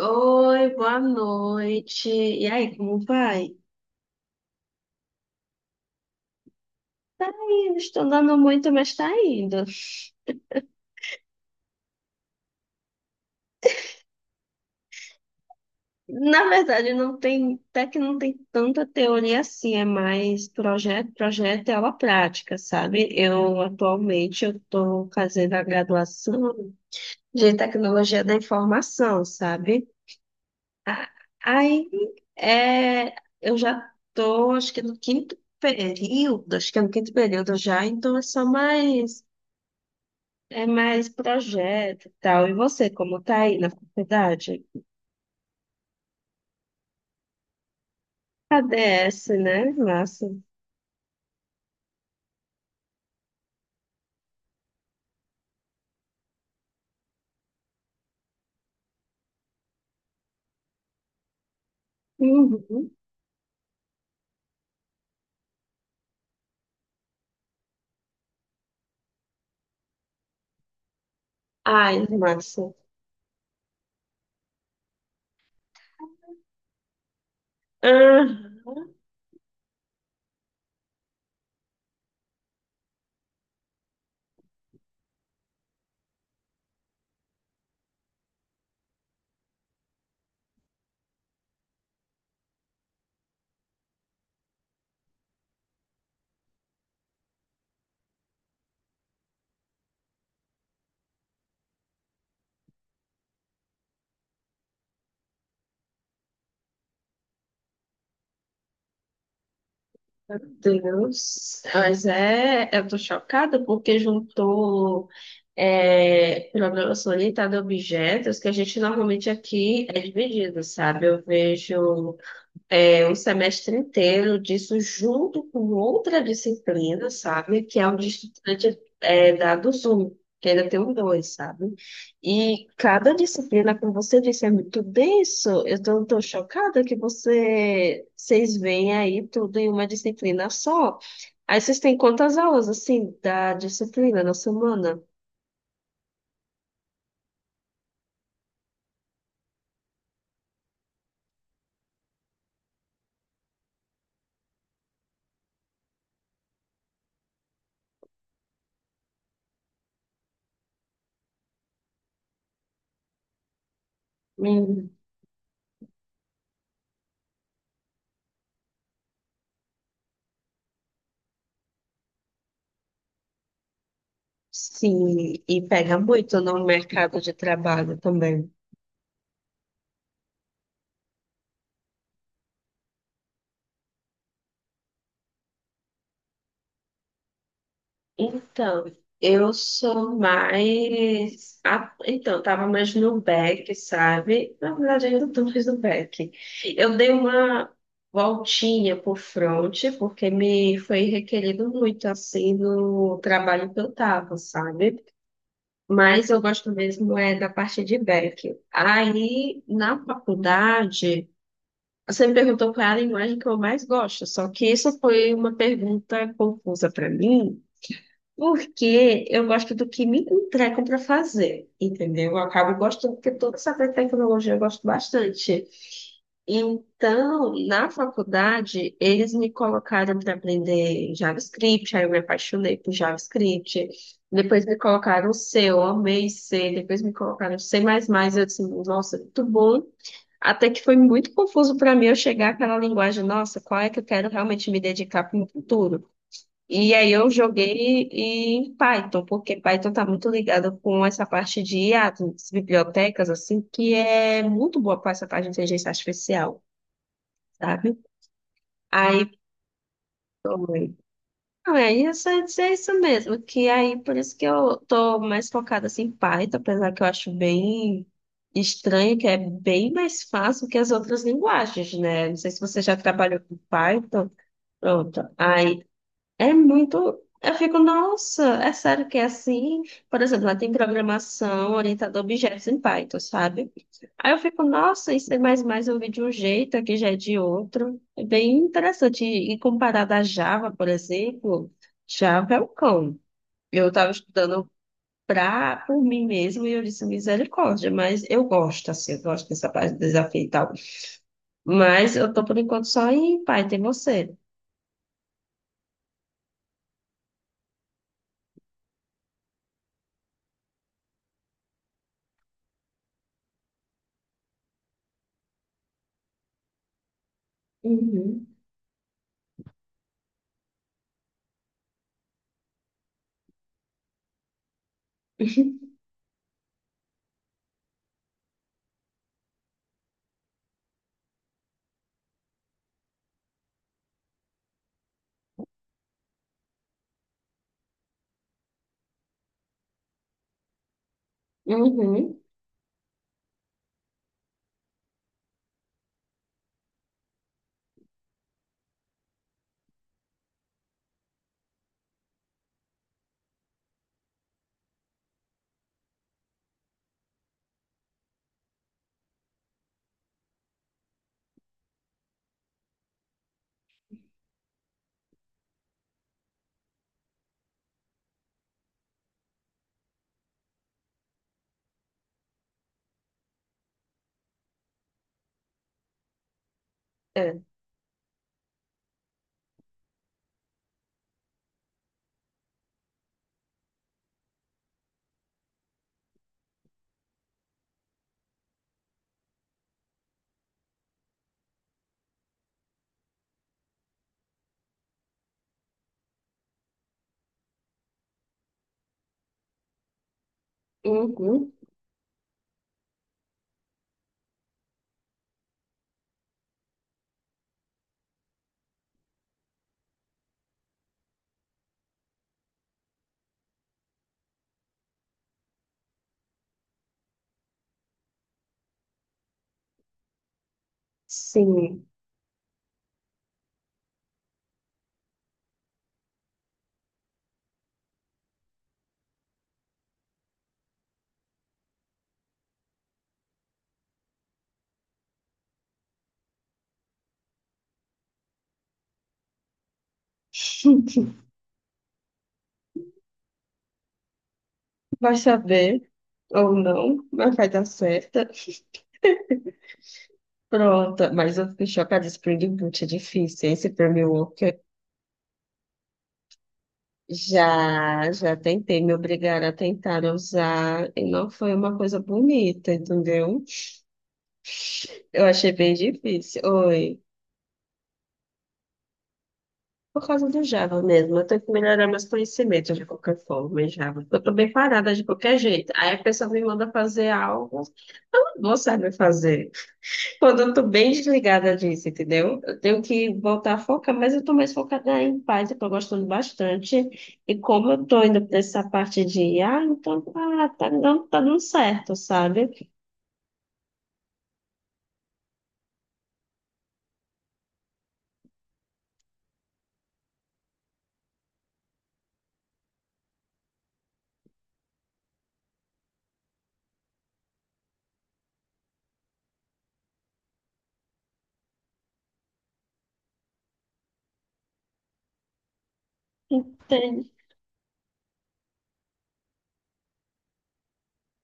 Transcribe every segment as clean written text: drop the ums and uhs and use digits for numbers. Oi, boa noite. E aí, como vai? Tá indo, estou andando muito, mas tá indo. Na verdade, não tem, até que não tem tanta teoria assim, é mais projeto, projeto e aula prática, sabe? Eu atualmente eu estou fazendo a graduação de tecnologia da informação, sabe? A- Aí é, eu já estou, acho que no quinto período, acho que é no quinto período já, então é só mais. É mais projeto e tal. E você, como tá aí na faculdade? ADS, né? Massa. Uhum. Ai, massa. Ah, Deus. Mas é, eu tô chocada porque juntou programação orientada a objetos que a gente normalmente aqui é dividido, sabe? Eu vejo. Um semestre inteiro disso junto com outra disciplina, sabe? Que é o de estudante da do Zoom, que ainda tem um dois, sabe? E cada disciplina, como você disse, é muito denso. Eu tô chocada que você, vocês veem aí tudo em uma disciplina só. Aí vocês têm quantas aulas, assim, da disciplina na semana? Hum, sim, e pega muito no mercado de trabalho também. Então, eu sou mais. A- Então, tava mais no back, sabe? Na verdade, ainda tô mais no back. Eu dei uma voltinha por front, porque me foi requerido muito, assim, no trabalho que eu tava, sabe? Mas eu gosto mesmo é da parte de back. Aí, na faculdade. Você me perguntou qual é a linguagem que eu mais gosto, só que isso foi uma pergunta confusa para mim, porque eu gosto do que me entregam para fazer, entendeu? Eu acabo gostando, porque toda essa área de tecnologia eu gosto bastante. Então, na faculdade, eles me colocaram para aprender JavaScript, aí eu me apaixonei por JavaScript. Depois me colocaram C, eu amei C. Depois me colocaram C++, eu disse, nossa, muito bom. Até que foi muito confuso para mim eu chegar àquela linguagem, nossa, qual é que eu quero realmente me dedicar para o futuro? E aí eu joguei em Python, porque Python está muito ligado com essa parte de IA, das bibliotecas, assim, que é muito boa para essa parte de inteligência artificial, sabe? Aí foi. Não, é isso mesmo, que aí por isso que eu tô mais focada assim, em Python, apesar que eu acho bem estranho, que é bem mais fácil que as outras linguagens, né? Não sei se você já trabalhou com Python. Pronto, aí é muito. Eu fico, nossa, é sério que é assim? Por exemplo, lá tem programação orientada a objetos em Python, sabe? Aí eu fico, nossa, isso é mais eu vi de um jeito, aqui já é de outro. É bem interessante. E comparado à Java, por exemplo, Java é o cão. Eu estava estudando pra, por mim mesmo e eu disse misericórdia, mas eu gosto, assim, eu gosto dessa parte do desafio e tal. Mas eu tô por enquanto só em Python, e você? Uhum. Uhum. Uhum, sim. Vai saber ou não, mas vai dar certo. Pronto, mas eu fiquei chocada. Spring Boot é difícil. Esse Framework já tentei, me obrigaram a tentar usar e não foi uma coisa bonita, entendeu? Eu achei bem difícil. Oi. Por causa do Java mesmo, eu tenho que melhorar meus conhecimentos de qualquer forma em Java. Eu tô bem parada de qualquer jeito. Aí a pessoa me manda fazer algo, que eu não vou saber fazer. Quando eu tô bem desligada disso, entendeu? Eu tenho que voltar a focar, mas eu tô mais focada em paz, eu tô gostando bastante. E como eu tô indo pra essa parte de, ah, então tá dando certo, sabe?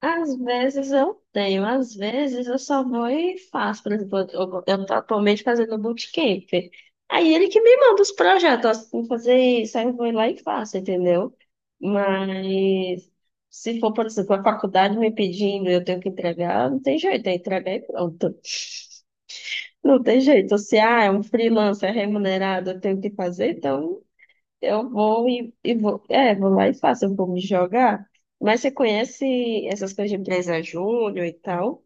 Às vezes eu tenho, às vezes eu só vou e faço. Por exemplo, eu tô atualmente fazendo um bootcamp. Aí ele que me manda os projetos, ó, você tem que fazer isso, aí eu vou lá e faço, entendeu? Mas se for, por exemplo, a faculdade me pedindo, e eu tenho que entregar, não tem jeito, é entregar e pronto. Não tem jeito. Se ah, é um freelancer remunerado, eu tenho que fazer, então eu vou e vou. É, vou lá e faço, eu vou me jogar. Mas você conhece essas coisas de empresa júnior e tal?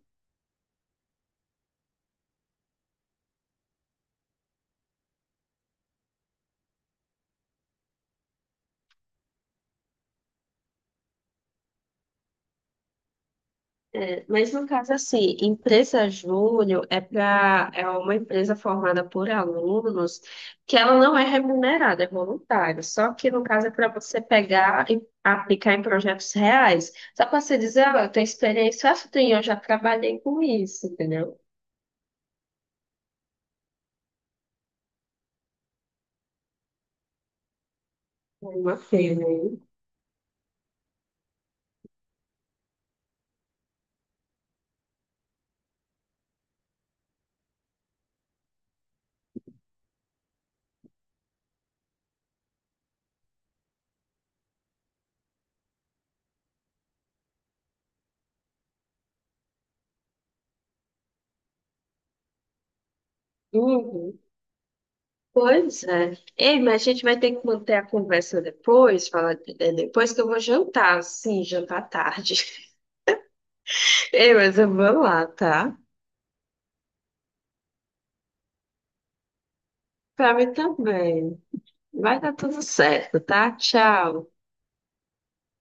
É, mas no caso, assim, empresa júnior é para é uma empresa formada por alunos que ela não é remunerada, é voluntária. Só que no caso é para você pegar e aplicar em projetos reais. Só para você dizer, ah, eu tenho experiência, ah, eu tenho, eu já trabalhei com isso, entendeu? É uma feira aí. Pois é. Ei, mas a gente vai ter que manter a conversa depois, falar é, depois que eu vou jantar. Sim, jantar tarde. Ei, mas eu vou lá, tá? Pra mim também. Vai dar tudo certo, tá? Tchau.